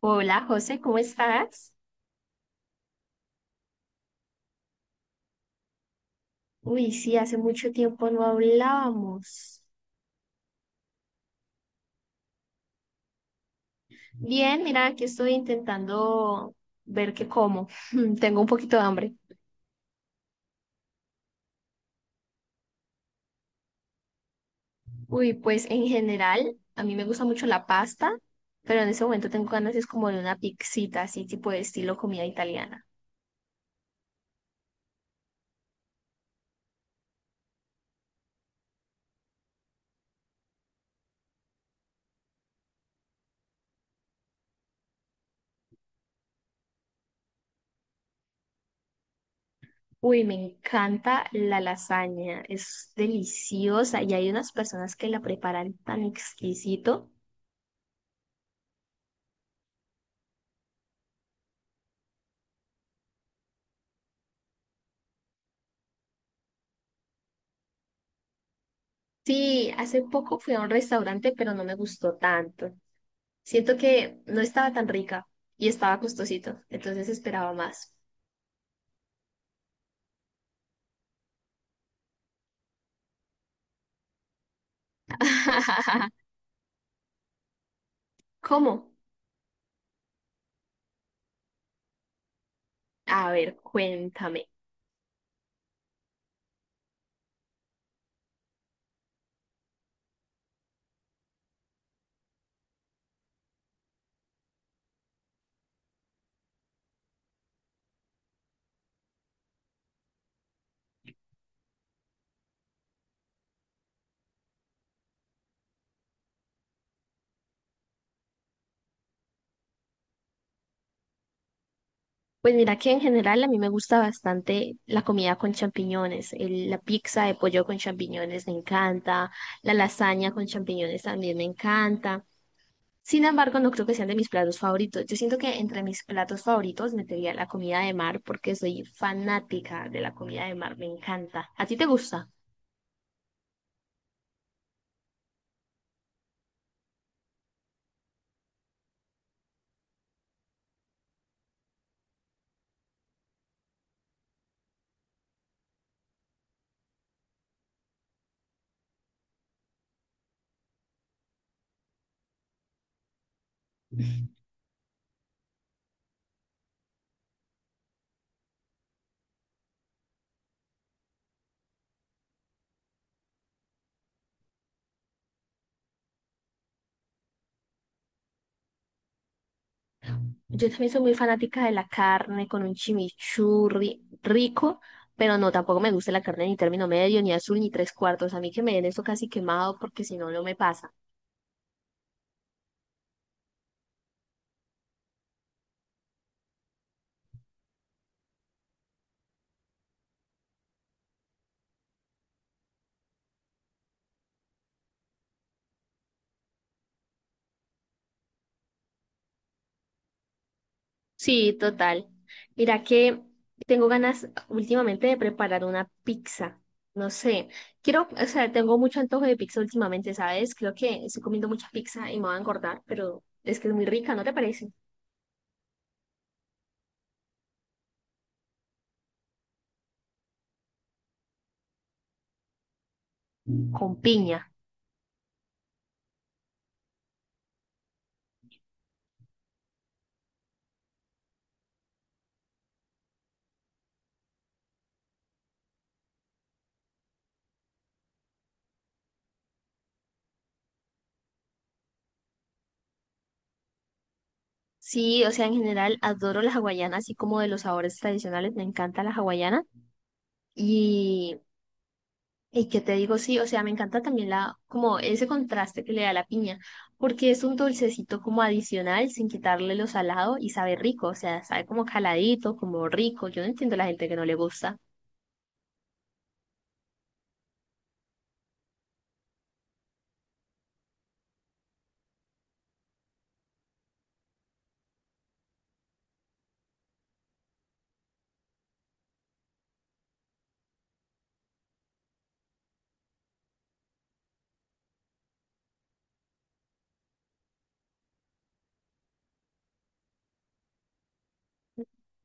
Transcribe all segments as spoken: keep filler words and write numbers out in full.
Hola, José, ¿cómo estás? Uy, sí, hace mucho tiempo no hablábamos. Bien, mira, aquí estoy intentando ver qué como. Tengo un poquito de hambre. Uy, pues en general, a mí me gusta mucho la pasta, pero en ese momento tengo ganas es como de una pixita, así tipo de estilo comida italiana. Uy, me encanta la lasaña, es deliciosa y hay unas personas que la preparan tan exquisito. Sí, hace poco fui a un restaurante, pero no me gustó tanto. Siento que no estaba tan rica y estaba costosito, entonces esperaba más. ¿Cómo? A ver, cuéntame. Pues mira que en general a mí me gusta bastante la comida con champiñones, el- la pizza de pollo con champiñones me encanta, la lasaña con champiñones también me encanta. Sin embargo, no creo que sean de mis platos favoritos. Yo siento que entre mis platos favoritos metería la comida de mar porque soy fanática de la comida de mar, me encanta. ¿A ti te gusta? Yo también soy muy fanática de la carne con un chimichurri rico, pero no, tampoco me gusta la carne ni término medio, ni azul, ni tres cuartos. A mí que me den eso casi quemado porque si no, no me pasa. Sí, total. Mira que tengo ganas últimamente de preparar una pizza. No sé, quiero, o sea, tengo mucho antojo de pizza últimamente, ¿sabes? Creo que estoy comiendo mucha pizza y me voy a engordar, pero es que es muy rica, ¿no te parece? Con piña. Sí, o sea, en general adoro las hawaianas, así como de los sabores tradicionales, me encanta la hawaiana. Y, y qué te digo, sí, o sea, me encanta también la, como ese contraste que le da la piña, porque es un dulcecito como adicional, sin quitarle lo salado y sabe rico, o sea, sabe como caladito, como rico. Yo no entiendo a la gente que no le gusta.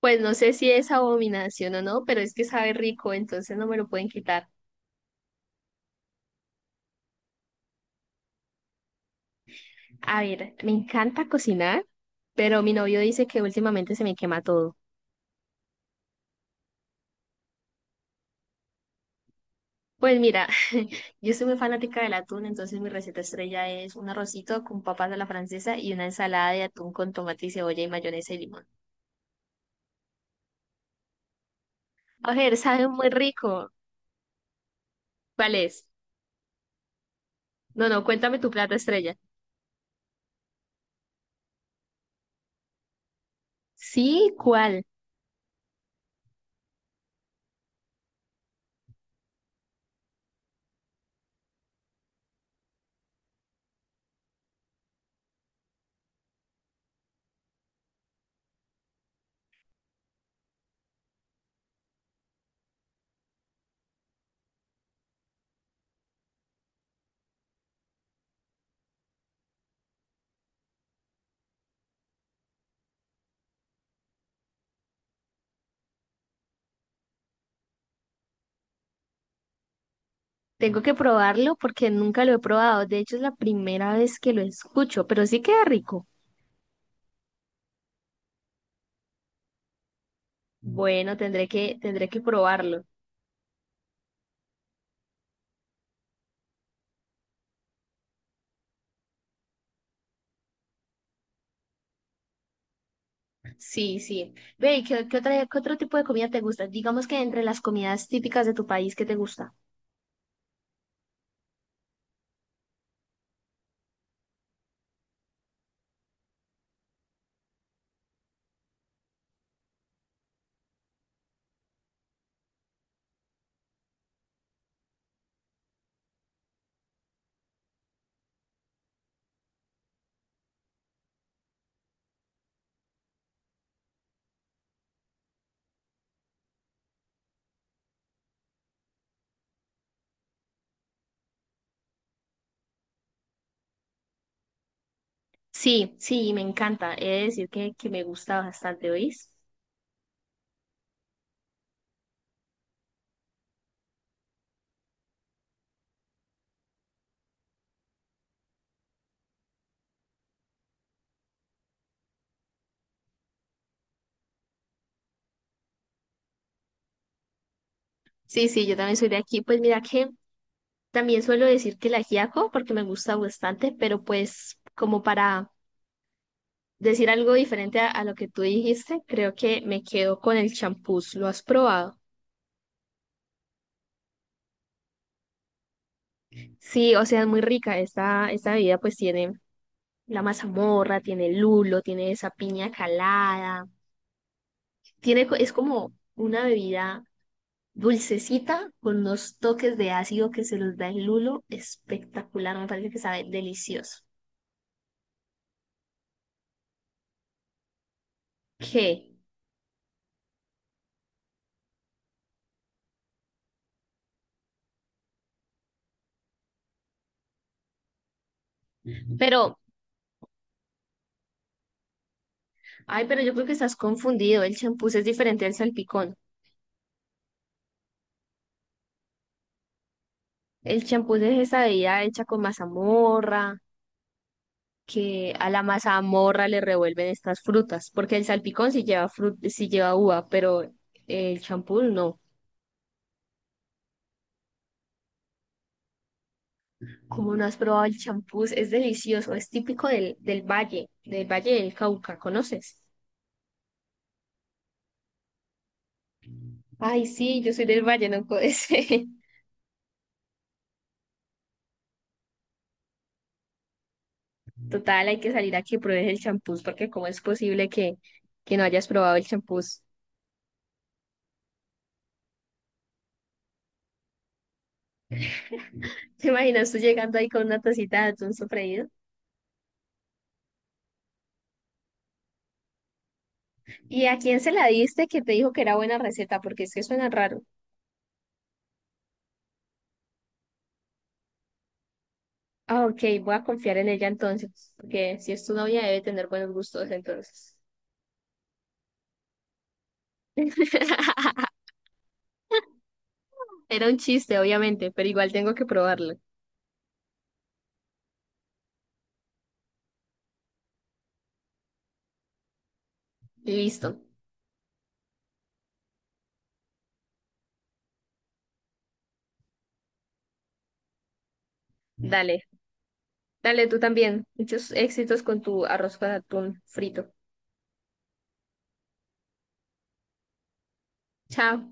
Pues no sé si es abominación o no, pero es que sabe rico, entonces no me lo pueden quitar. A ver, me encanta cocinar, pero mi novio dice que últimamente se me quema todo. Pues mira, yo soy muy fanática del atún, entonces mi receta estrella es un arrocito con papas a la francesa y una ensalada de atún con tomate y cebolla y mayonesa y limón. A ver, sabe muy rico. ¿Cuál es? No, no, cuéntame tu plato estrella. Sí, ¿cuál? Tengo que probarlo porque nunca lo he probado. De hecho, es la primera vez que lo escucho, pero sí queda rico. Bueno, tendré que, tendré que probarlo. Sí, sí. Ve, ¿y ¿qué, qué otra- qué otro tipo de comida te gusta? Digamos que entre las comidas típicas de tu país, ¿qué te gusta? Sí, sí, me encanta. He de decir que, que me gusta bastante, ¿oís? Sí, sí, yo también soy de aquí. Pues mira que también suelo decir que el ajiaco porque me gusta bastante, pero pues como para decir algo diferente a, a lo que tú dijiste, creo que me quedo con el champús. ¿Lo has probado? Sí, o sea, es muy rica. Esta, esta bebida pues tiene la mazamorra, tiene el lulo, tiene esa piña calada. Tiene, co- es como una bebida dulcecita con unos toques de ácido que se los da el lulo. Espectacular, me parece que sabe delicioso. ¿Qué? Pero, ay, pero yo creo que estás confundido. El champús es diferente al salpicón. El champús es esa bebida hecha con mazamorra, que a la mazamorra le revuelven estas frutas, porque el salpicón sí lleva fru- sí lleva uva, pero el champús no. ¿Cómo no has probado el champús? Es delicioso, es típico del, del valle, del valle del Cauca, ¿conoces? Ay, sí, yo soy del Valle, no ese. Total, hay que salir a que pruebes el champús, porque cómo es posible que, que no hayas probado el champús. ¿Te imaginas tú llegando ahí con una tacita de atún sofreído? ¿Y a quién se la diste que te dijo que era buena receta? Porque es que suena raro. Ah, ok, voy a confiar en ella entonces, porque si es tu novia debe tener buenos gustos entonces. Era un chiste, obviamente, pero igual tengo que probarlo. Y listo. Dale, dale tú también. Muchos éxitos con tu arroz con atún frito. Chao.